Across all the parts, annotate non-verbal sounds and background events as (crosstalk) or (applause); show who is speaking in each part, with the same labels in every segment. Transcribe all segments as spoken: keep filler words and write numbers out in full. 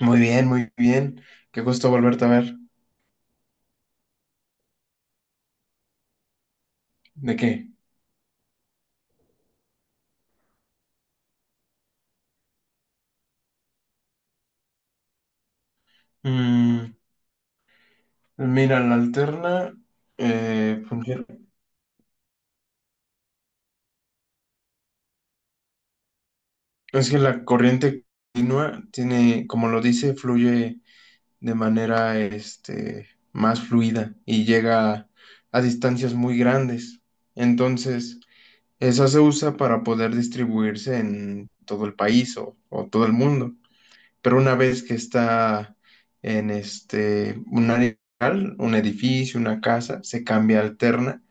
Speaker 1: Muy bien, muy bien. Qué gusto volverte a ver. ¿De qué? Mm, mira, la alterna, eh, fungir- es que la corriente continua tiene, como lo dice, fluye de manera, este, más fluida y llega a distancias muy grandes. Entonces, esa se usa para poder distribuirse en todo el país o, o todo el mundo. Pero una vez que está en este, un área, un edificio, una casa, se cambia alterna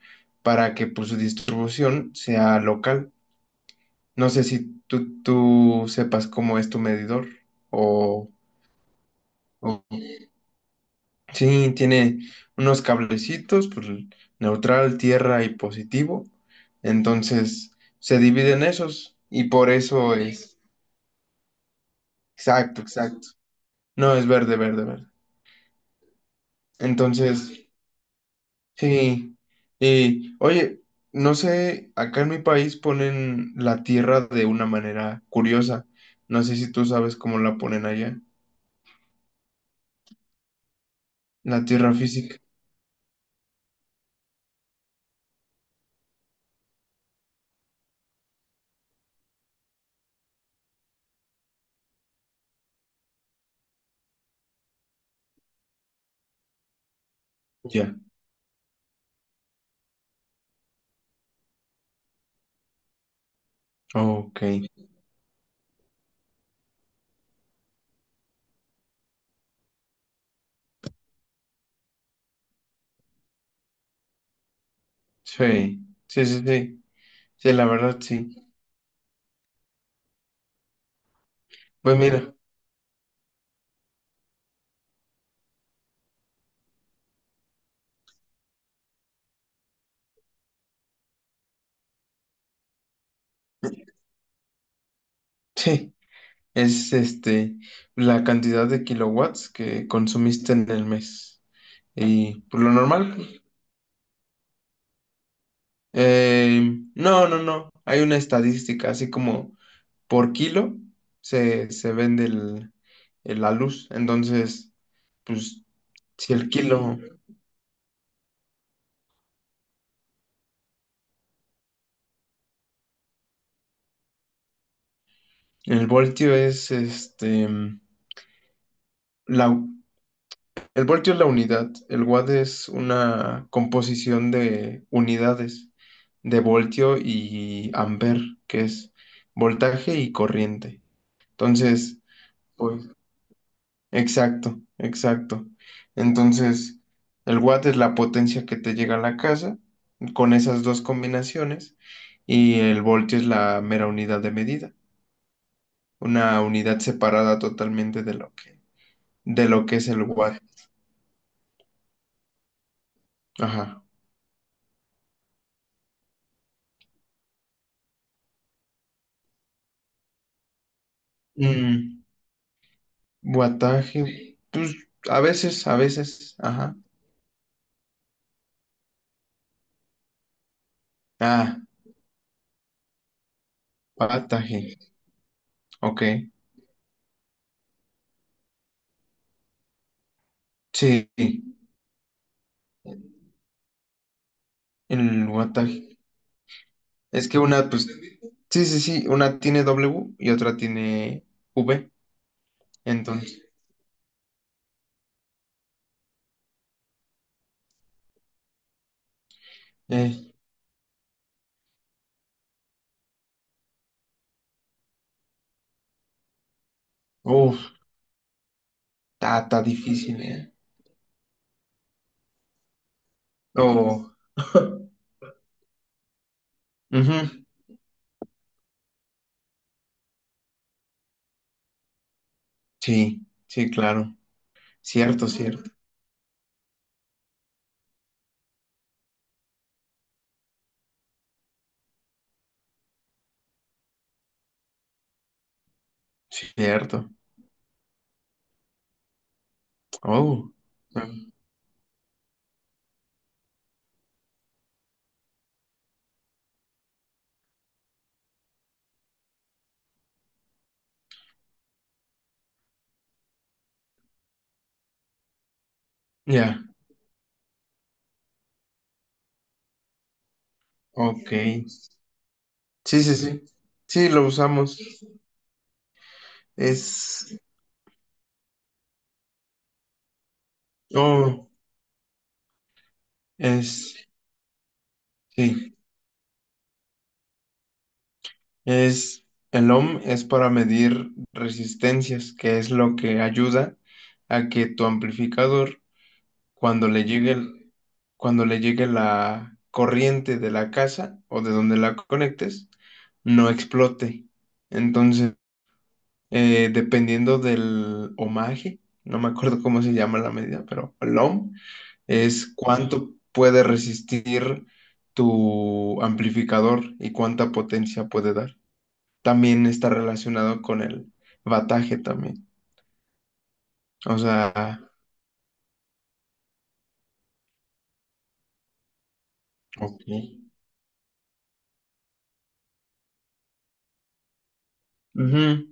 Speaker 1: para que, pues, su distribución sea local. No sé si tú, tú sepas cómo es tu medidor o, o- sí, tiene unos cablecitos, pues, neutral, tierra y positivo. Entonces se dividen esos y por eso es... Exacto, exacto. No, es verde, verde, verde. Entonces... Sí, y oye, no sé, acá en mi país ponen la tierra de una manera curiosa. No sé si tú sabes cómo la ponen allá. La tierra física. Ya. Ok. Sí, sí, sí, sí. Sí, la verdad, sí. Pues mira, (laughs) sí, es este, la cantidad de kilowatts que consumiste en el mes. Y por lo normal, eh, no, no, no. Hay una estadística, así como por kilo se, se vende el- el- la luz. Entonces, pues, si el kilo, el voltio es este, la, el voltio es la unidad, el watt es una composición de unidades de voltio y amper, que es voltaje y corriente. Entonces, pues, exacto, exacto. Entonces, el watt es la potencia que te llega a la casa con esas dos combinaciones, y el voltio es la mera unidad de medida, una unidad separada totalmente de lo que, de lo que, es el watt. Ajá. Mm, wattaje, pues a veces, a veces, ajá. Ah, wattaje, ok. Sí, el wattaje. Es que una, pues, sí, sí, sí, una tiene W y otra tiene V, entonces, eh, uf, está, está difícil, ¿eh? Oh, (laughs) ujú. Sí, sí, claro, cierto, cierto, cierto. Oh. Ah. Ya. Ok, sí, sí. Sí, sí, lo usamos. es, oh, es, sí. Es, el ohm es para medir resistencias, que es lo que ayuda a que tu amplificador, cuando le llegue, el- cuando le llegue la corriente de la casa o de donde la conectes, no explote. Entonces, eh, dependiendo del ohmaje, no me acuerdo cómo se llama la medida, pero el ohm es cuánto puede resistir tu amplificador y cuánta potencia puede dar, también está relacionado con el bataje también. O sea, ok. Ujú,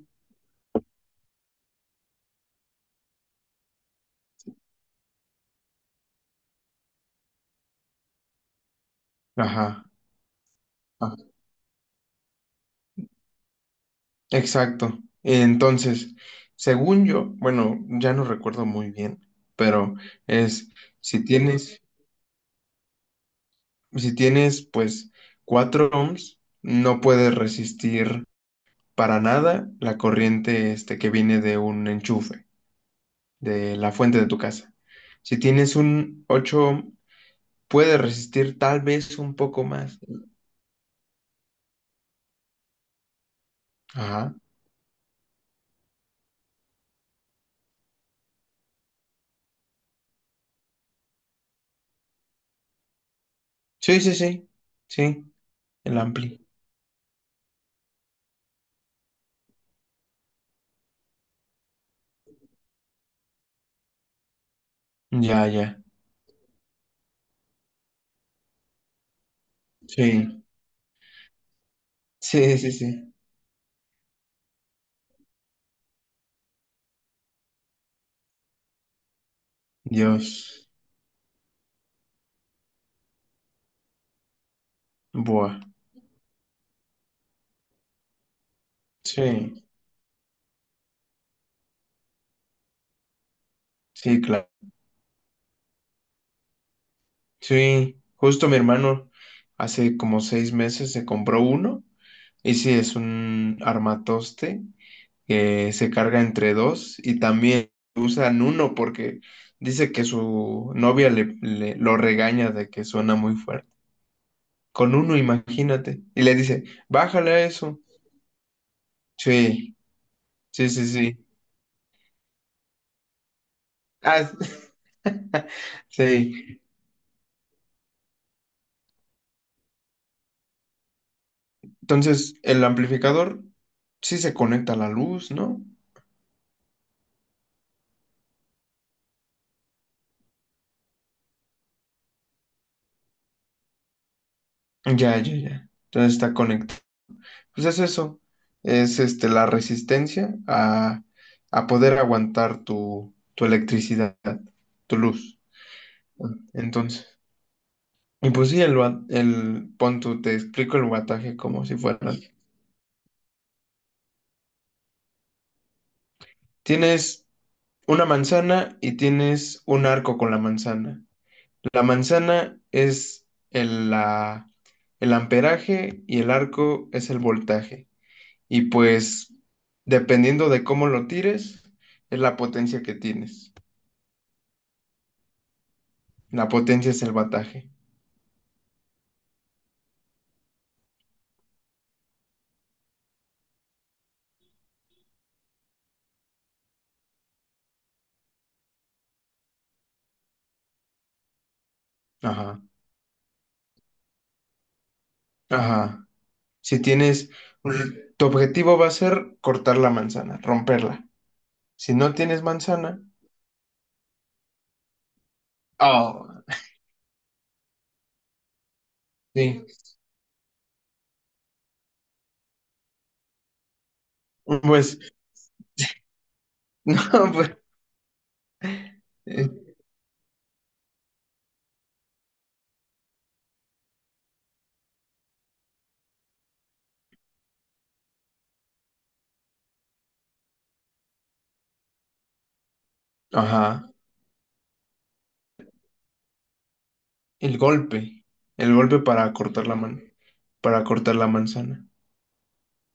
Speaker 1: ajá, ah, exacto. Entonces, según yo, bueno, ya no recuerdo muy bien, pero es si tienes, si tienes pues cuatro ohms, no puedes resistir para nada la corriente este que viene de un enchufe, de la fuente de tu casa. Si tienes un ocho ohm, puedes resistir tal vez un poco más. Ajá. Sí, sí, sí. Sí, el ampli. Ya, ya. Sí. Sí, sí, sí. Dios. Buah. Sí, sí, claro. Sí, justo mi hermano hace como seis meses se compró uno. Y sí, es un armatoste que se carga entre dos, y también usan uno porque dice que su novia le, le- lo regaña de que suena muy fuerte. Con uno, imagínate. Y le dice, bájale a eso. Sí. Sí, sí, sí. Ah, (laughs) sí. Entonces, el amplificador sí se conecta a la luz, ¿no? Ya, ya, ya. Entonces está conectado. Pues es eso. Es este la resistencia a, a poder aguantar tu, tu electricidad, tu luz. Entonces. Y pues sí, el, wa- el pon tú, te explico el wataje como si fuera. Tienes una manzana y tienes un arco con la manzana. La manzana es el, la- el amperaje y el arco es el voltaje. Y pues, dependiendo de cómo lo tires, es la potencia que tienes. La potencia es el bataje. Ajá, ajá. Si tienes, tu objetivo va a ser cortar la manzana, romperla. Si no tienes manzana, oh, sí. Pues, (laughs) no, pues, eh, ajá. El golpe, el golpe para cortar la man, para cortar la manzana.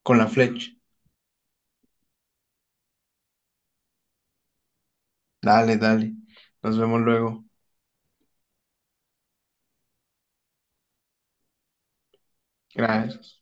Speaker 1: Con la flecha. Dale, dale. Nos vemos luego. Gracias.